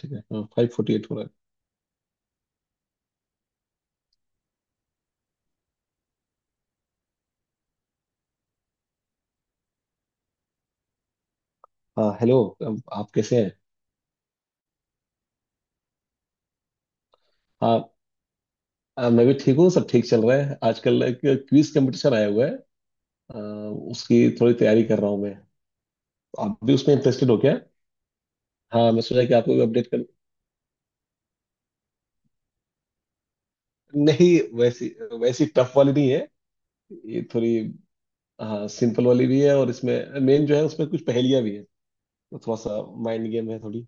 ठीक है, हाँ 5:40 हो रहा है। हाँ, हेलो है। अब आप कैसे हैं? हाँ, मैं भी ठीक हूँ। सब ठीक चल रहा है। आजकल एक क्विज कंपटीशन आया हुआ है। आ, उसकी थोड़ी तैयारी कर रहा हूँ मैं। आप भी उसमें इंटरेस्टेड हो क्या? हाँ, मैं सोचा कि आपको भी अपडेट कर। नहीं, वैसी वैसी टफ वाली नहीं है। ये थोड़ी, हाँ सिंपल वाली भी है, और इसमें मेन जो है उसमें कुछ पहेलियाँ भी है। तो थोड़ा सा माइंड गेम है थोड़ी।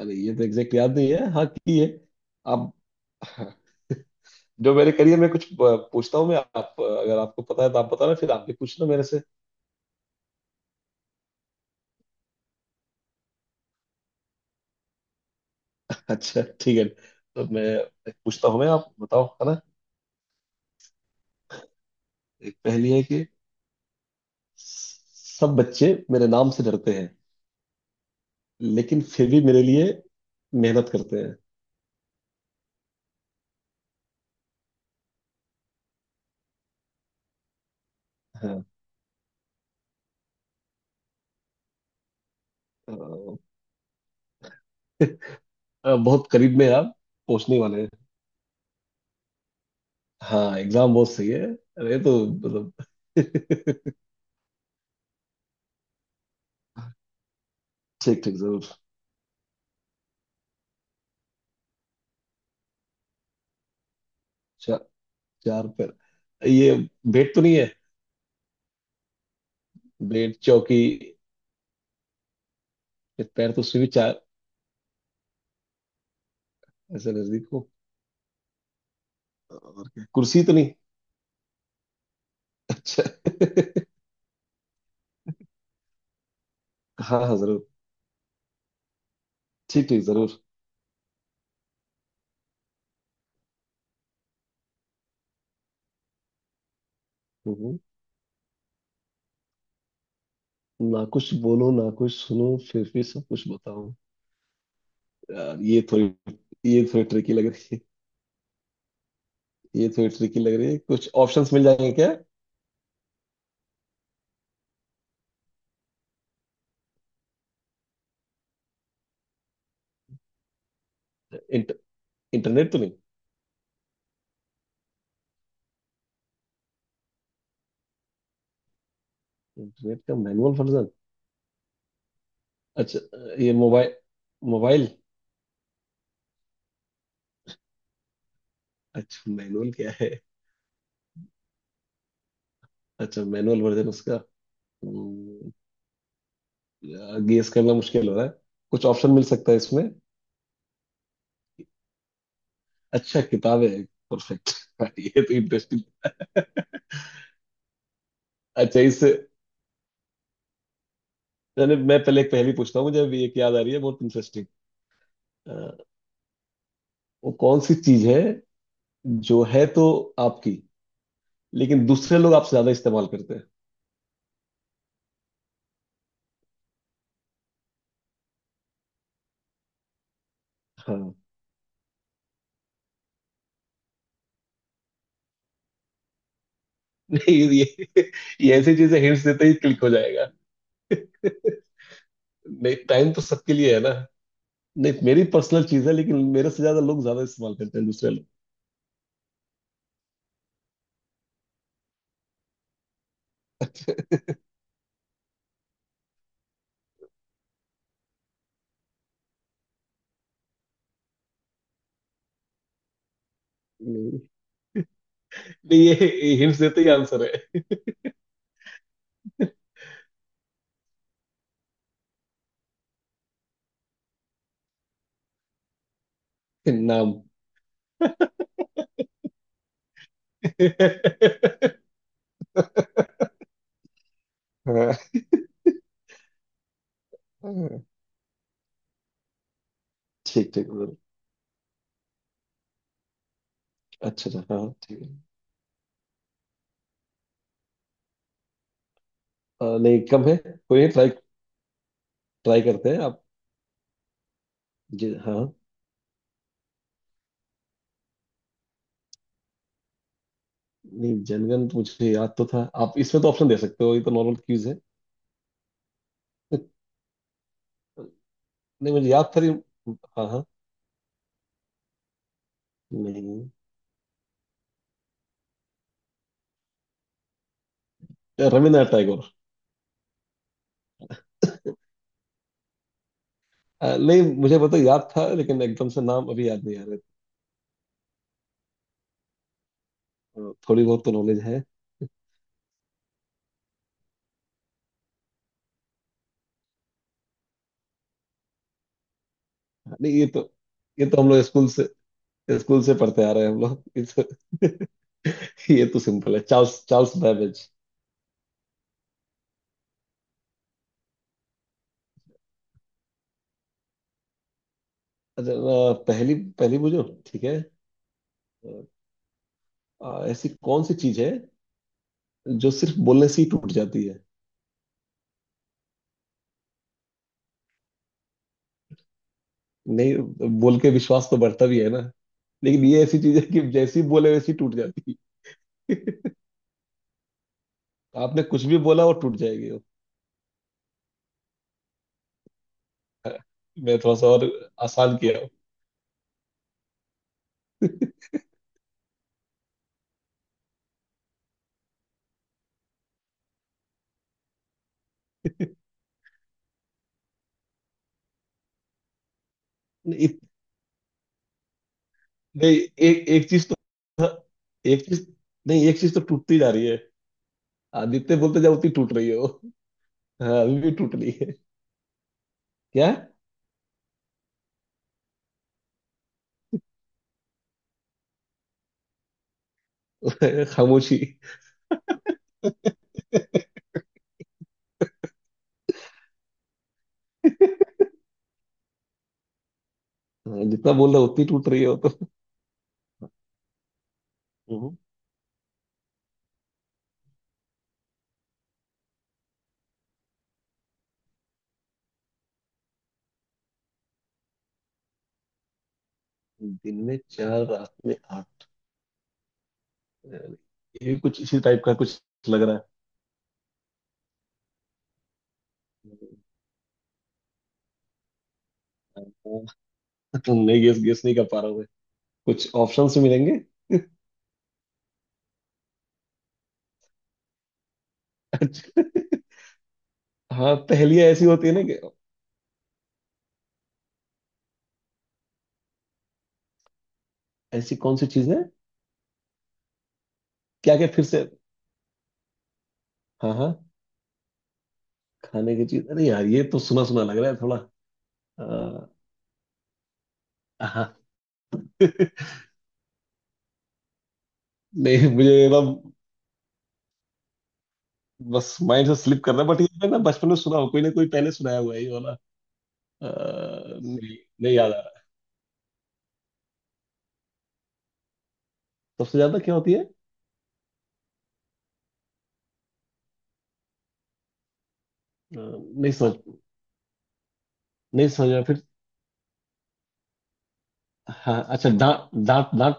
अरे, ये तो एग्जैक्ट याद नहीं है, हाँ की है। आप, जो मेरे करियर में कुछ पूछता हूँ मैं, आप अगर आपको पता है तो आप बताना, फिर आप भी पूछना मेरे से। अच्छा ठीक है, तो मैं एक पूछता हूँ, मैं आप बताओ, है ना। एक पहेली है कि सब बच्चे मेरे नाम से डरते हैं, लेकिन फिर भी मेरे लिए मेहनत करते हैं। हाँ। अ, बहुत करीब में आप पहुंचने वाले हैं। हाँ, एग्जाम बहुत सही है। अरे तो मतलब ठीक ठीक, जरूर। चा, चार पैर, ये बेट तो नहीं है? बेट चौकी, पैर तो उसमें भी चार। ऐसा नजदीक हो? और क्या, कुर्सी तो नहीं? अच्छा। हाँ हाँ, जरूर। ठीक ठीक, जरूर। हम्म, ना कुछ बोलो ना कुछ सुनो, फिर भी सब कुछ बताओ। यार, ये थोड़ी ट्रिकी लग रही है। ये थोड़ी ट्रिकी लग रही है, कुछ ऑप्शंस मिल जाएंगे क्या? इंट, इंटरनेट तो नहीं? इंटरनेट का मैनुअल वर्जन? अच्छा, ये मोबाइल। मोबाइल। अच्छा मैनुअल क्या है? अच्छा, मैनुअल वर्जन उसका। गेस करना मुश्किल हो रहा है, कुछ ऑप्शन मिल सकता है इसमें? अच्छा, किताब है। परफेक्ट। ये तो इंटरेस्टिंग। अच्छा, इससे, मैं पहले एक पहेली पूछता हूँ, मुझे अभी एक याद आ रही है बहुत इंटरेस्टिंग। वो कौन सी चीज है जो है तो आपकी, लेकिन दूसरे लोग आपसे ज्यादा इस्तेमाल करते हैं? हाँ। नहीं, ये, ये ऐसी चीजें हिंट्स देते ही क्लिक हो जाएगा। नहीं, टाइम तो सबके लिए है ना। नहीं, मेरी पर्सनल चीज है लेकिन मेरे से ज्यादा लोग ज्यादा इस्तेमाल करते हैं, दूसरे लोग। नहीं नहीं, ये हिंट्स देते ही आंसर है। नाम। हाँ। ठीक ठीक। अच्छा अच्छा, हाँ ठीक है। नहीं, कम है। कोई नहीं, ट्राई, ट्राई करते हैं आप। हाँ, नहीं जनगण तो मुझे याद तो था। आप इसमें तो ऑप्शन दे सकते हो, ये तो नॉर्मल क्यूज है। नहीं मुझे याद था हाँ हाँ। नहीं, रविन्द्रनाथ टैगोर। नहीं मुझे पता, याद था, लेकिन एकदम से नाम अभी याद नहीं आ रहा। थोड़ी बहुत तो नॉलेज है। नहीं, ये तो, ये तो हम लोग स्कूल से पढ़ते आ रहे हैं हम लोग, ये तो ये तो सिंपल है, चार्ल्स चार्ल्स बैबेज। अच्छा। पहली पहली बुझो, ठीक है। ऐसी कौन सी चीज है जो सिर्फ बोलने से ही टूट जाती है? नहीं, बोल के विश्वास तो बढ़ता भी है ना। लेकिन ये ऐसी चीज है कि जैसे ही बोले वैसे ही टूट जाती है। आपने कुछ भी बोला, वो टूट जाएगी वो। मैं थोड़ा सा और आसान किया हूं। नहीं, नहीं, एक एक चीज तो एक चीज, नहीं एक चीज तो टूटती जा रही है। आप जितने बोलते जाओ, उतनी टूट रही है वो। हाँ, अभी भी टूट रही है। क्या? खामोशी। हाँ, जितना बोल रहे हो उतनी टूट रही है वो तो। हम्म, दिन में चार रात में आठ, ये कुछ इसी टाइप का कुछ लग रहा है। नहीं, गेस, गेस नहीं कर पा रहा मैं, कुछ ऑप्शंस मिलेंगे? अच्छा, हाँ पहेलियाँ ऐसी होती है ना कि ऐसी कौन सी चीज है। क्या क्या, फिर से? हाँ हाँ, खाने की चीज। अरे यार, ये तो सुना सुना लग रहा है थोड़ा। अ, हाँ। नहीं मुझे ना, बस माइंड से स्लिप कर रहा है, बट ये मैंने ना बचपन में सुना हो, कोई ना कोई पहले सुनाया हुआ है ये वाला। नहीं, नहीं याद आ रहा। सबसे ज्यादा क्या होती है? नहीं समझ, नहीं समझ रहा फिर। हाँ, अच्छा, डांट डांट डांट।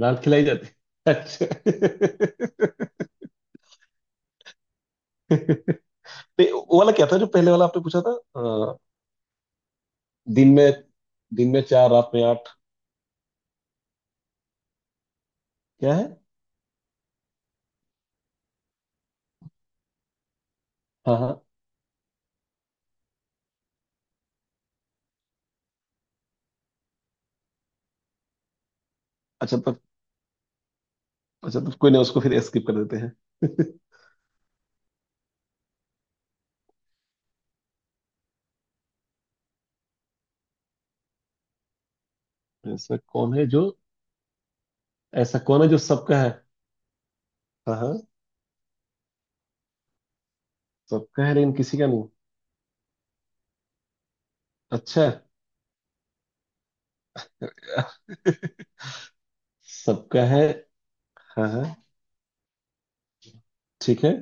डांट खिलाई जाती है। अच्छा। नहीं, वो वाला क्या था जो पहले वाला आपने पूछा था? अ, दिन में दिन में चार, रात में आठ। क्या है? हाँ हाँ। अच्छा तो, अच्छा तो कोई नहीं, उसको फिर स्किप कर देते हैं। ऐसा कौन है जो, ऐसा कौन है जो सबका है। हाँ हाँ। सबका है लेकिन किसी का नहीं। अच्छा। सबका है। हाँ हाँ, ठीक है।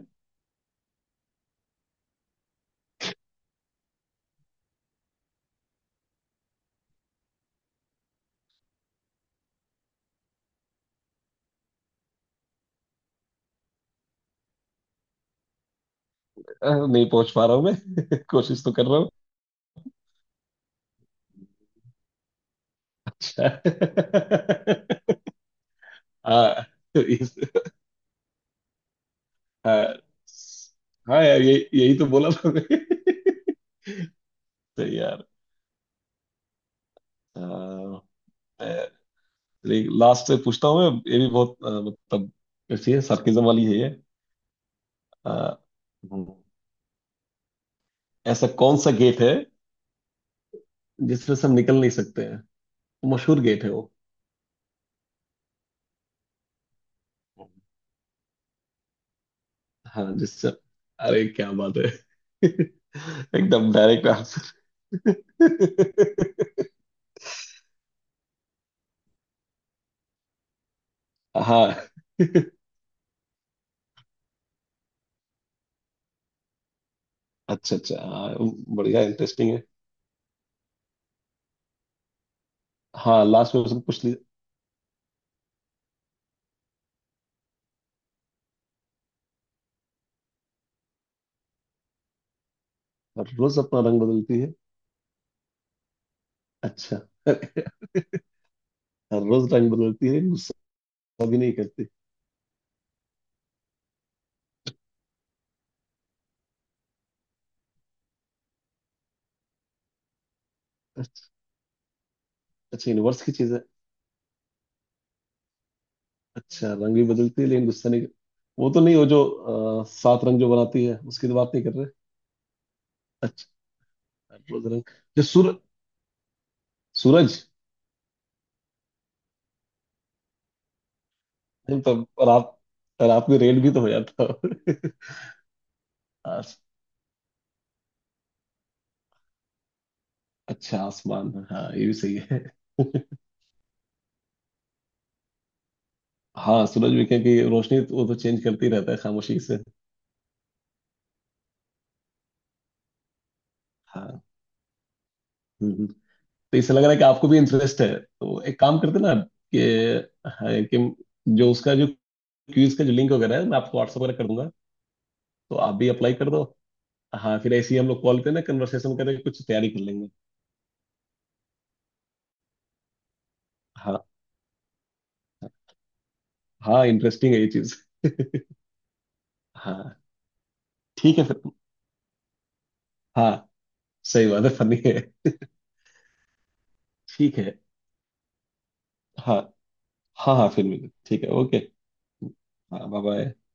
नहीं पहुंच पा रहा हूँ मैं। कोशिश तो कर रहा हूँ। अच्छा। हाँ। इस- हाँ। स- हाँ यार, ये यही तो बोला था मैं। सही यार। हाँ, मैं- एक लास्ट से पूछता हूँ मैं, ये भी बहुत मतलब अच्छी है, sarcasm वाली है ये। अ, हम्म, ऐसा कौन सा गेट है जिसमें से हम निकल नहीं सकते हैं? मशहूर गेट है वो। हाँ, जिससे, अरे क्या बात है। एकदम डायरेक्ट आंसर। हाँ, अच्छा अच्छा, हाँ बढ़िया, इंटरेस्टिंग है। हाँ लास्ट में उसने पूछ लिया। हर रोज अपना रंग बदलती है? अच्छा। हर रोज रंग बदलती है, गुस्सा भी नहीं करती। अच्छा। अच्छा यूनिवर्स की चीज है। अच्छा, रंग भी बदलती है लेकिन गुस्सा नहीं। वो तो नहीं, वो जो सात रंग जो बनाती है उसकी तो बात नहीं कर रहे? अच्छा। रोज रंग, जो सूरज। नहीं तो, रात, रात में रेल भी तो हो जाता है। आस, अच्छा, आसमान हाँ, ये भी सही है। हाँ, सूरज भी क्या कि रोशनी तो- वो तो चेंज करती रहता है खामोशी से। हाँ। हम्म, हम्म। तो इससे लग रहा है कि आपको भी इंटरेस्ट है, तो एक काम करते ना, कि हाँ, कि जो उसका जो क्यूज का जो लिंक वगैरह है, मैं आपको व्हाट्सएप वगैरह कर दूंगा। तो आप भी अप्लाई कर दो। हाँ, फिर ऐसे ही हम लोग कॉल पे ना कन्वर्सेशन करके कुछ तैयारी कर लेंगे। हाँ, हाँ इंटरेस्टिंग है ये चीज। हाँ ठीक है फिर। हाँ, सही बात है, फनी है। ठीक है। हाँ। हाँ हाँ, फिर मिलते हैं। ठीक है, ओके। हाँ, बाय बाय।